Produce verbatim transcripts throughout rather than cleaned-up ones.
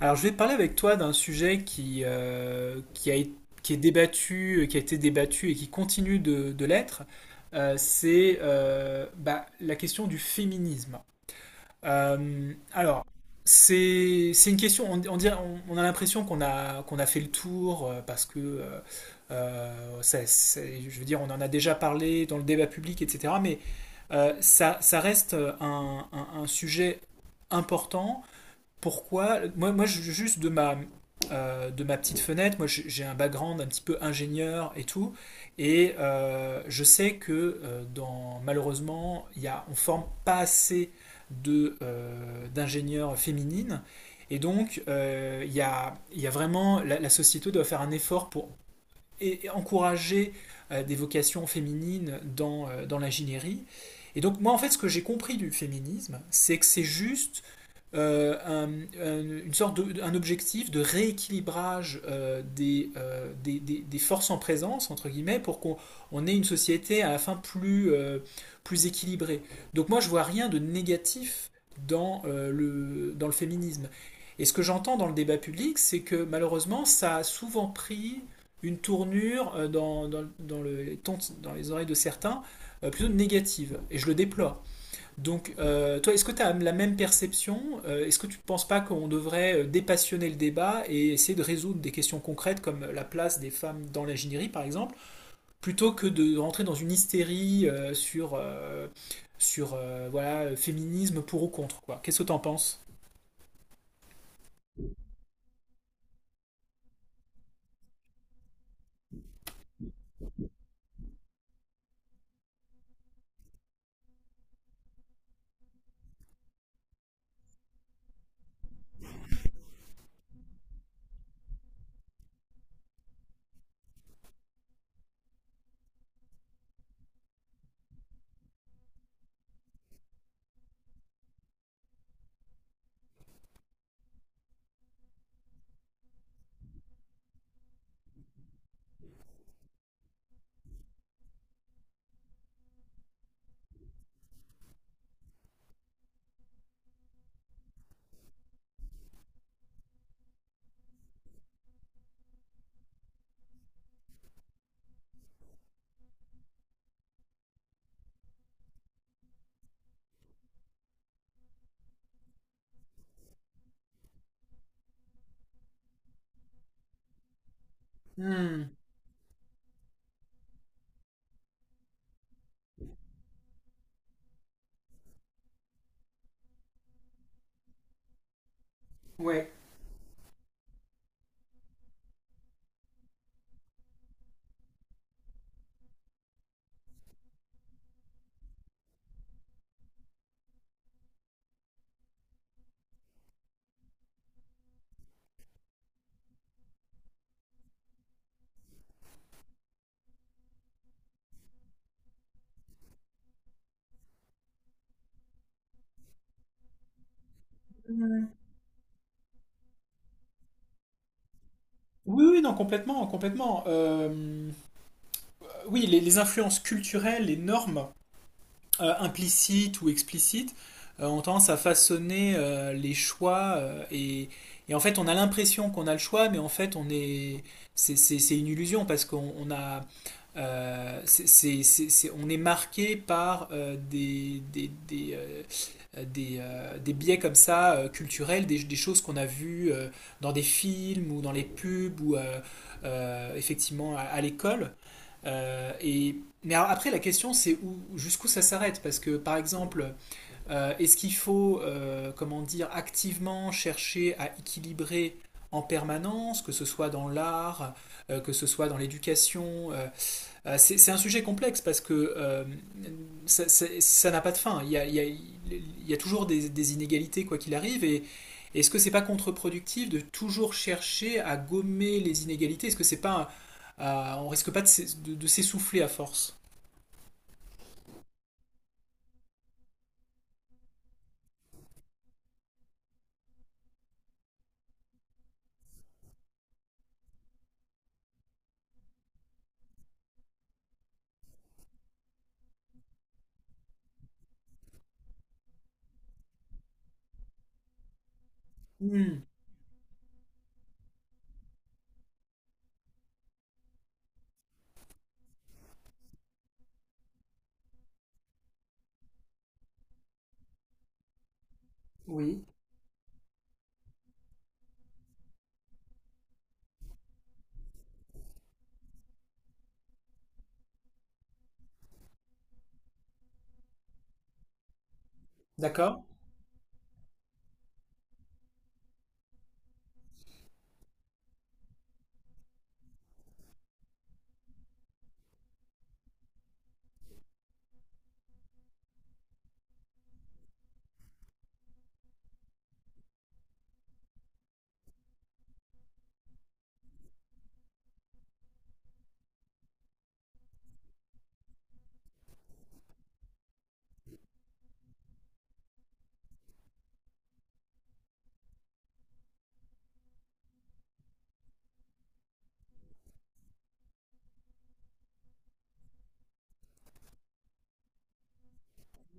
Alors, je vais parler avec toi d'un sujet qui, euh, qui a, é- qui est débattu, euh, qui a été débattu et qui continue de, de l'être. Euh, c'est euh, bah, la question du féminisme. Euh, alors, c'est c'est une question, on, on dirait- on- on a l'impression qu'on a, qu'on a fait le tour, euh, parce que, euh, euh, ça- c'est- je veux dire, on en a déjà parlé dans le débat public, et cetera. Mais euh, ça, ça reste un, un- un sujet important. Pourquoi? Moi, moi juste de ma euh, de ma petite fenêtre, moi j'ai un background un petit peu ingénieur et tout, et euh, je sais que euh, dans malheureusement il y a, on forme pas assez de euh, d'ingénieurs féminines, et donc euh, il euh, y a il y a vraiment la, la société doit faire un effort pour é- encourager euh, des vocations féminines dans euh, dans l'ingénierie. Et donc moi en fait ce que j'ai compris du féminisme, c'est que c'est juste euh, un, un- une sorte de, un objectif de rééquilibrage, euh, des, euh, des, des- des forces en présence, entre guillemets, pour qu'on on ait une société à la fin plus, euh, plus équilibrée. Donc moi, je vois rien de négatif dans, euh, le, dans le féminisme. Et ce que j'entends dans le débat public, c'est que malheureusement, ça a souvent pris une tournure, euh, dans, dans, dans le, dans les oreilles de certains, euh, plutôt négative. Et je le déplore. Donc, euh, toi, est-ce que tu as la même perception? Euh, Est-ce que tu ne penses pas qu'on devrait euh, dépassionner le débat et essayer de résoudre des questions concrètes comme la place des femmes dans l'ingénierie, par exemple, plutôt que de rentrer dans une hystérie, euh, sur, euh, sur euh, voilà, féminisme pour ou contre, quoi. Qu'est-ce que tu en penses? Hmm. Oui, oui, non, complètement, complètement. Euh, oui, les, les influences culturelles, les normes euh, implicites ou explicites euh, ont tendance à façonner, euh, les choix, euh, et, et en fait on a l'impression qu'on a le choix mais en fait on est c'est c'est- c'est une illusion parce qu'on on a, euh, c'est c'est- c'est- c'est- on est marqué par euh, des des, des, euh, euh, des, euh, des biais comme ça, euh, culturels, des, des choses qu'on a vues, euh, dans des films ou dans les pubs ou euh, euh, effectivement à, à l'école, euh, et mais après la question c'est où jusqu'où ça s'arrête, parce que par exemple, euh, est-ce qu'il faut, euh, comment dire, activement chercher à équilibrer en permanence, que ce soit dans l'art, euh, que ce soit dans l'éducation, euh, euh, c'est c'est un sujet complexe parce que euh, ça ça- ça n'a pas de fin. Il y a, il y a- il y a toujours des, des inégalités quoi qu'il arrive. Et est-ce que c'est pas contre-productif de toujours chercher à gommer les inégalités? Est-ce que c'est pas un- euh, on risque pas de s'ess- de- de s'essouffler à force? Hmm, oui, d'accord.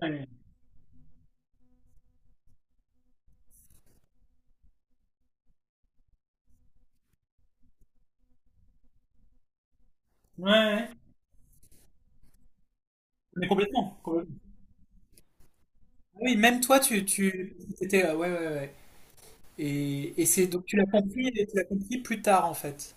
Ouais, ouais, ouais. Mais complètement, complètement. Ah oui, même toi, tu, tu, t'étais, ouais, ouais, ouais. Et, et c'est donc tu l'as compris, tu l'as compris plus tard en fait.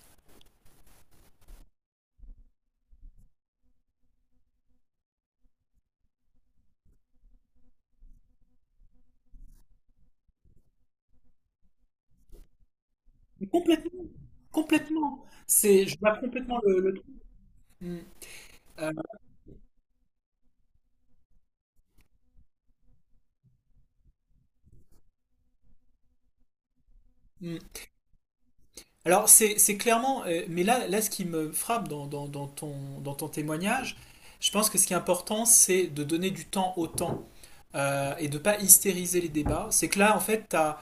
Mais complètement, complètement. C'est, je vois complètement le, le truc. Mm. Euh, mm. Alors c'est c'est clairement, euh, mais là, là, ce qui me frappe dans, dans- dans ton, dans ton témoignage, je pense que ce qui est important, c'est de donner du temps au temps, euh, et de pas hystériser les débats. C'est que là, en fait, t'as,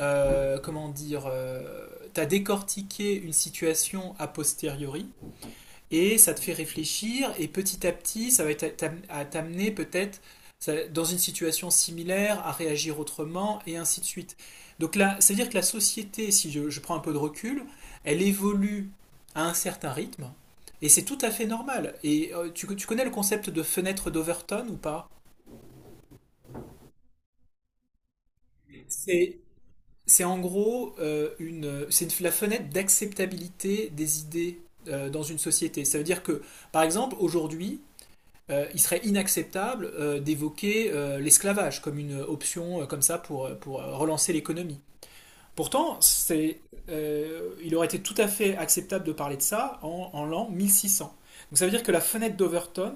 euh, comment dire, euh, t'as décortiqué une situation a posteriori. Et ça te fait réfléchir et petit à petit ça va être à t'amener peut-être dans une situation similaire à réagir autrement et ainsi de suite. Donc là, c'est-à-dire que la société, si je, je prends un peu de recul, elle évolue à un certain rythme et c'est tout à fait normal. Et euh, tu, tu connais le concept de fenêtre d'Overton ou pas? C'est c'est en gros, euh, une, c'est une- la fenêtre d'acceptabilité des idées euh, dans une société. Ça veut dire que, par exemple, aujourd'hui, euh, il serait inacceptable euh, d'évoquer euh, l'esclavage comme une option, euh, comme ça pour, euh, pour euh, relancer l'économie. Pourtant, c'est, euh, il aurait été tout à fait acceptable de parler de ça en, en l'an mille six cents. Donc ça veut dire que la fenêtre d'Overton,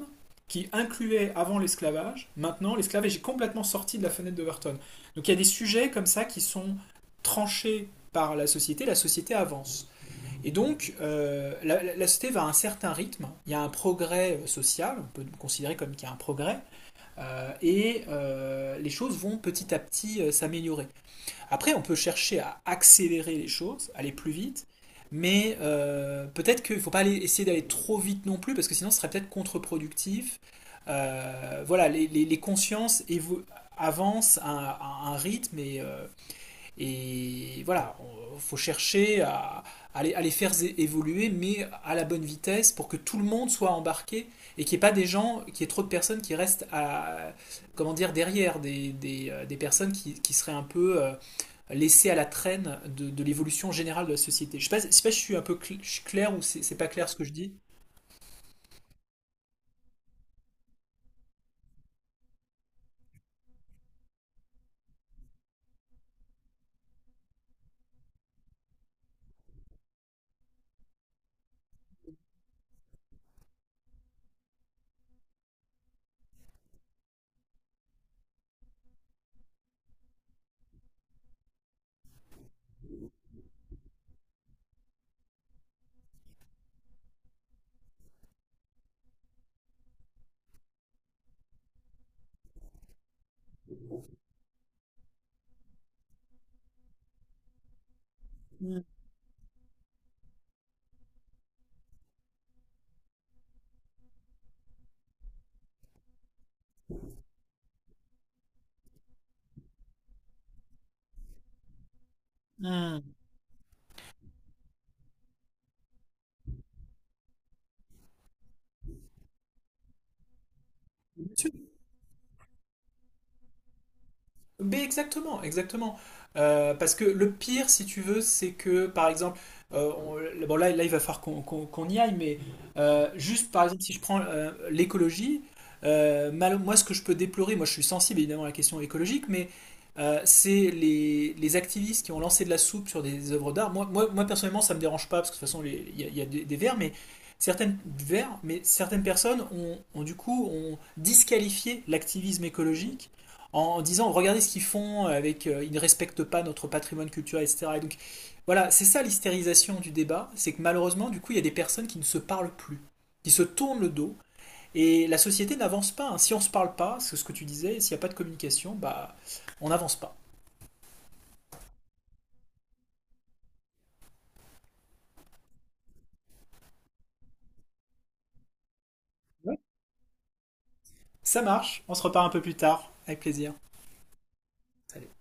qui incluait avant l'esclavage, maintenant l'esclavage est complètement sorti de la fenêtre d'Overton. Donc il y a des sujets comme ça qui sont tranchés par la société, la société avance. Et donc, euh, la, la, société va à un certain rythme, il y a un progrès, euh, social, on peut considérer comme qu'il y a un progrès, euh, et euh, les choses vont petit à petit euh, s'améliorer. Après, on peut chercher à accélérer les choses, aller plus vite, mais euh, peut-être qu'il ne faut pas aller, essayer d'aller trop vite non plus, parce que sinon ce serait peut-être contre-productif. Euh, voilà, les, les, les consciences avancent à, à, un rythme et euh, et voilà, on- faut chercher à, à les, à les faire évoluer, mais à la bonne vitesse pour que tout le monde soit embarqué et qu'il n'y ait pas des gens, qu'il y ait trop de personnes qui restent à, comment dire, derrière, des, des, euh, des personnes qui, qui seraient un peu, euh, laissées à la traîne de, de l'évolution générale de la société. Je ne sais, pas je sais pas si je suis un peu cl- je suis clair ou c'est c'est pas clair ce que je dis. Mm, mm. Mais exactement, exactement. Euh, parce que le pire, si tu veux, c'est que, par exemple, euh, on- bon, là, là, il va falloir qu'on qu'on- qu'on y aille, mais euh, juste, par exemple, si je prends euh, l'écologie, euh, mal- moi, ce que je peux déplorer, moi, je suis sensible évidemment à la question écologique, mais euh, c'est les, les activistes qui ont lancé de la soupe sur des œuvres d'art. Moi, moi, moi, personnellement, ça me dérange pas, parce que de toute façon, les- il y a, il y a des, des vers, mais certaines, vers, mais certaines personnes ont, ont, du coup ont disqualifié l'activisme écologique en disant, regardez ce qu'ils font avec, euh, ils ne respectent pas notre patrimoine culturel, etc. Et donc voilà, c'est ça, l'hystérisation du débat, c'est que malheureusement du coup il y a des personnes qui ne se parlent plus, qui se tournent le dos, et la société n'avance pas, hein. Si on ne se parle pas, c'est ce que tu disais, s'il n'y a pas de communication, bah, on n'avance pas. Ouais. Ça marche, on se repart un peu plus tard avec plaisir. Salut.